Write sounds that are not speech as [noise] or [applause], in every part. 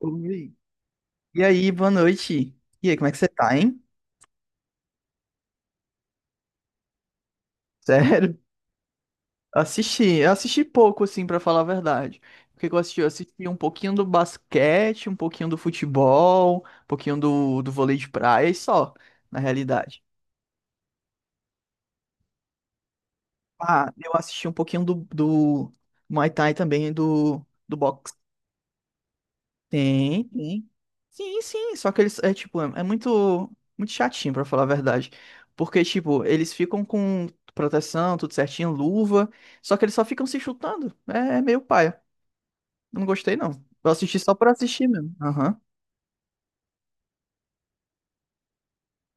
Oi. E aí, boa noite. E aí, como é que você tá, hein? [laughs] Sério? Assisti, eu assisti pouco, assim, pra falar a verdade. O que que eu assisti? Eu assisti um pouquinho do basquete, um pouquinho do futebol, um pouquinho do vôlei de praia e só, na realidade. Ah, eu assisti um pouquinho do Muay Thai também, do, do boxe. Tem, tem. Sim, sim, só que eles é tipo muito muito chatinho pra falar a verdade, porque tipo, eles ficam com proteção, tudo certinho, luva, só que eles só ficam se chutando. É meio paia. Não gostei não. Eu assisti só pra assistir mesmo. Aham.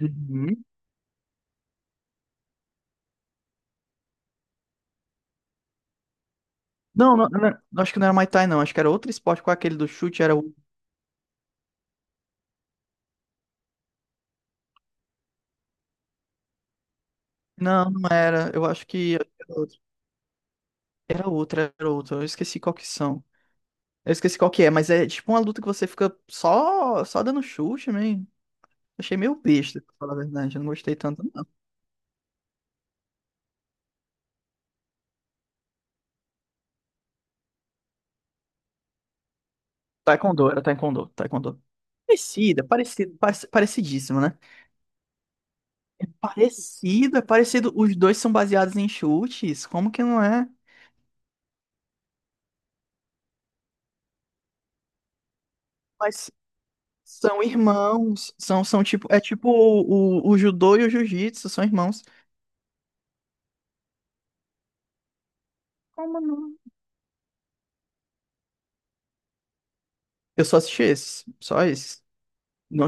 Uhum. Não, não, não, não, acho que não era Muay Thai não, acho que era outro esporte com aquele do chute, era o. Não, não era. Eu acho que era outro. Era outro, era outro. Eu esqueci qual que são. Eu esqueci qual que é, mas é tipo uma luta que você fica só dando chute, man. Achei meio besta, pra falar a verdade. Eu não gostei tanto, não. Taekwondo, era Taekwondo, Taekwondo. Parecida, parecido, parecidíssimo, né? É parecido, é parecido. Os dois são baseados em chutes. Como que não é? Mas são irmãos. São, são tipo. É tipo o judô e o jiu-jitsu, são irmãos. Como não? Eu só assisti esses. Só esses. Não...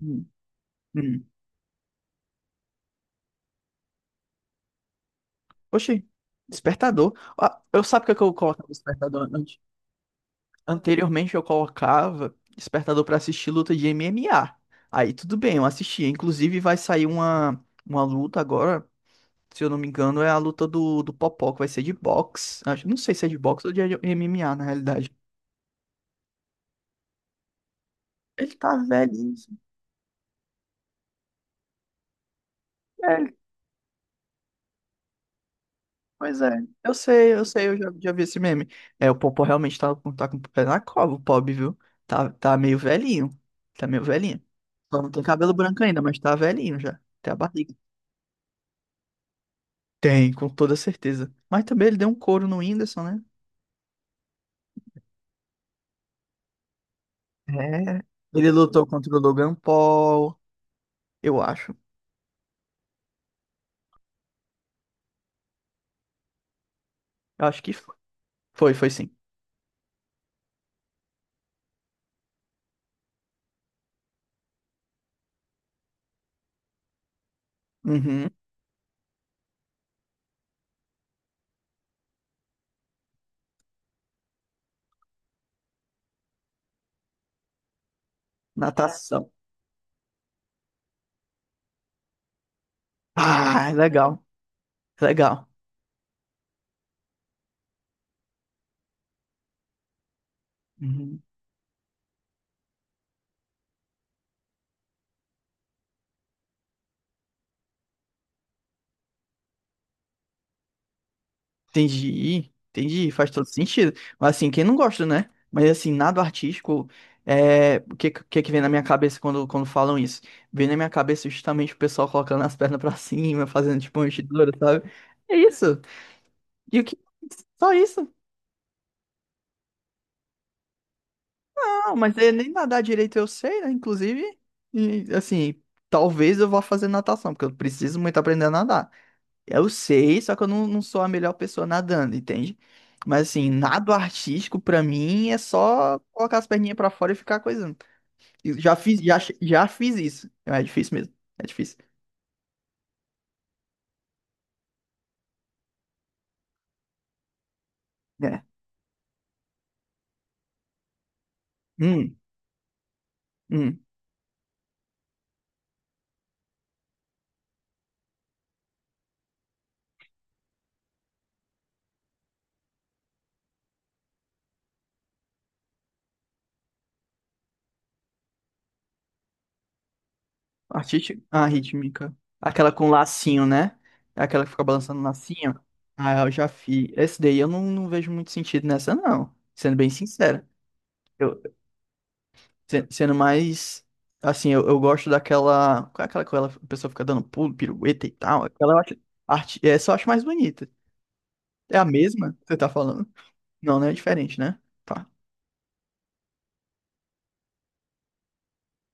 Hum. Hum. Oxi. Despertador. Ah, eu sabe o que é que eu coloco no despertador antes? Anteriormente eu colocava despertador pra assistir luta de MMA. Aí tudo bem, eu assistia. Inclusive vai sair uma luta agora, se eu não me engano, é a luta do Popó, que vai ser de boxe. Acho, não sei se é de boxe ou de MMA na realidade. Ele tá velhinho assim. É, pois é. Eu sei, eu sei, eu já, já vi esse meme. É, o Popó realmente tá, tá com o pé na cova, o pobre, viu? Tá, tá meio velhinho. Tá meio velhinho. Só não tem cabelo branco ainda, mas tá velhinho já. Até a barriga. Tem, com toda certeza. Mas também ele deu um couro no Whindersson, né? É, ele lutou contra o Logan Paul, eu acho. Eu acho que foi, foi sim. Uhum. Natação. Ah, legal, legal. Uhum. Entendi, entendi, faz todo sentido. Mas assim, quem não gosta, né? Mas assim, nada artístico, é... o que, que vem na minha cabeça quando, quando falam isso? Vem na minha cabeça justamente o pessoal colocando as pernas pra cima, fazendo tipo uma enchidura, sabe? É isso. E o que? Só isso. Não, mas nem nadar direito eu sei, né? Inclusive, e, assim, talvez eu vá fazer natação, porque eu preciso muito aprender a nadar. Eu sei, só que eu não, não sou a melhor pessoa nadando, entende? Mas assim, nado artístico pra mim é só colocar as perninhas pra fora e ficar coisando. E já fiz, já, já fiz isso. É difícil mesmo. É difícil. É. Hum, hum. Artista... Ah, rítmica. Aquela com lacinho, né? Aquela que fica balançando lacinho. Ah, eu já fiz. Esse daí eu não, não vejo muito sentido nessa, não. Sendo bem sincero. Eu, sendo mais. Assim, eu gosto daquela. Qual é aquela que ela, a pessoa fica dando pulo, pirueta e tal? Aquela eu acho. Arte, essa eu acho mais bonita. É a mesma que você tá falando? Não, não é diferente, né? Tá.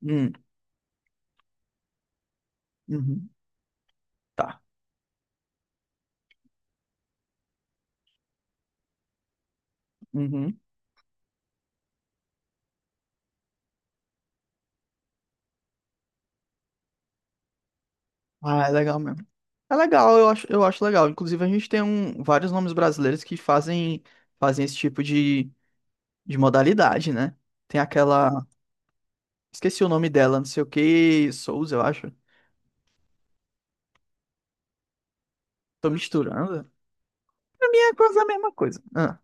Hum, uhum, tá. Uhum. Ah, é legal mesmo. É legal, eu acho legal. Inclusive, a gente tem um, vários nomes brasileiros que fazem, fazem esse tipo de modalidade, né? Tem aquela. Esqueci o nome dela, não sei o que, Souza, eu acho. Tô misturando. Pra mim é quase a mesma coisa. Ah,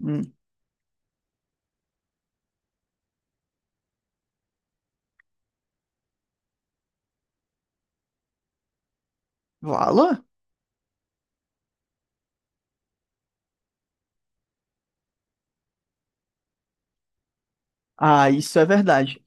hum. Valor? Ah, isso é verdade.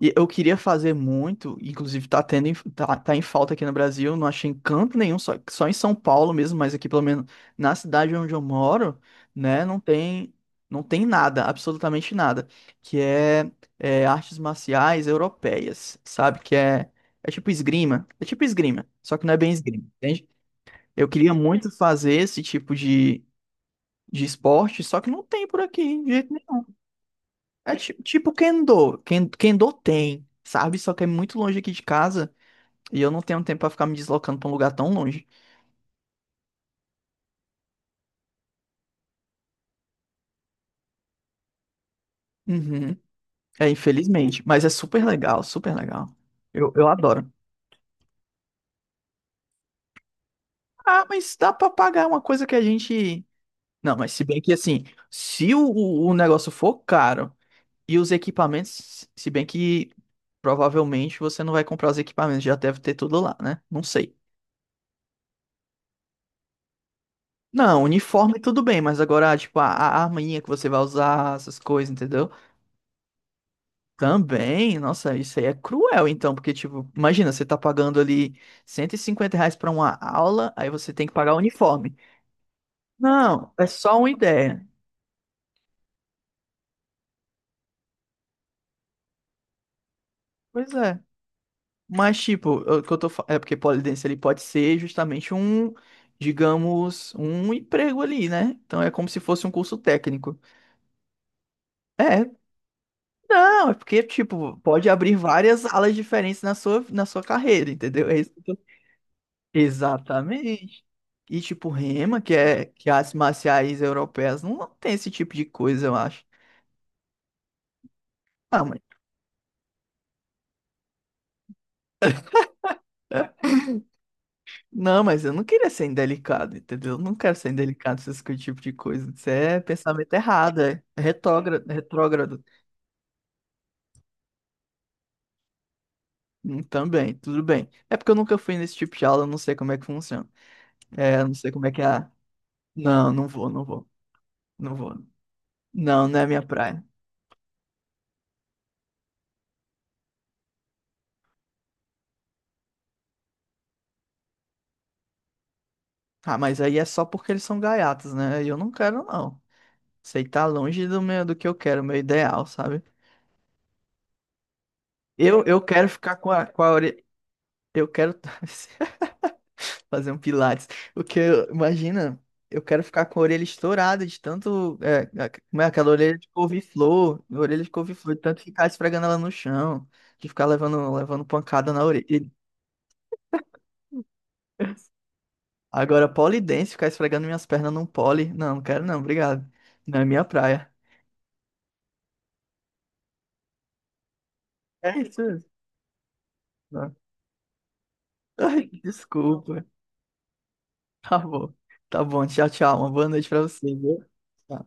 E eu queria fazer muito, inclusive tá tendo, tá, tá em falta aqui no Brasil, não achei em canto nenhum, só, só em São Paulo mesmo, mas aqui pelo menos na cidade onde eu moro, né, não tem, não tem nada, absolutamente nada, que é, é artes marciais europeias, sabe? Que é, é tipo esgrima, só que não é bem esgrima, entende? Eu queria muito fazer esse tipo de esporte, só que não tem por aqui, de jeito nenhum. É tipo Kendo. Kendo tem, sabe? Só que é muito longe aqui de casa e eu não tenho tempo pra ficar me deslocando pra um lugar tão longe. Uhum. É, infelizmente. Mas é super legal, super legal. Eu adoro. Ah, mas dá pra pagar uma coisa que a gente. Não, mas se bem que assim, se o, o negócio for caro e os equipamentos, se bem que provavelmente você não vai comprar os equipamentos, já deve ter tudo lá, né? Não sei. Não, uniforme tudo bem, mas agora, tipo, a arminha que você vai usar, essas coisas, entendeu? Também, nossa, isso aí é cruel, então, porque, tipo, imagina, você tá pagando ali R$ 150 pra uma aula, aí você tem que pagar o uniforme. Não, é só uma ideia. Pois é. Mas, tipo, o que eu tô falando é porque polidense ele pode ser justamente um, digamos, um emprego ali, né? Então é como se fosse um curso técnico. É, não, é porque, tipo, pode abrir várias alas diferentes na sua carreira, entendeu? É isso. Exatamente. E tipo, Rema, que é que as marciais europeias não, não tem esse tipo de coisa, eu acho. Ah, mas é. Não, mas eu não queria ser indelicado, entendeu? Eu não quero ser indelicado com esse tipo de coisa. Isso é pensamento errado, é retrógrado, retrógrado. Também, tudo bem. É porque eu nunca fui nesse tipo de aula, eu não sei como é que funciona. É, eu não sei como é que é. Não, não vou. Não, não é minha praia. Ah, mas aí é só porque eles são gaiatas, né? Eu não quero, não. Isso aí tá longe do meu, do que eu quero, meu ideal, sabe? Eu quero ficar com a orelha. Eu quero [laughs] fazer um pilates. O que eu, imagina, eu quero ficar com a orelha estourada de tanto. É, como é aquela orelha de couve-flor? Orelha de couve-flor, de tanto ficar esfregando ela no chão, de ficar levando, levando pancada na orelha. Agora, polidense, ficar esfregando minhas pernas num pole. Não, não quero não, obrigado. Não é minha praia. É isso. Não. [laughs] Ai, desculpa. Tá bom. Tá bom. Tchau, tchau. Uma boa noite pra você, viu? Tchau.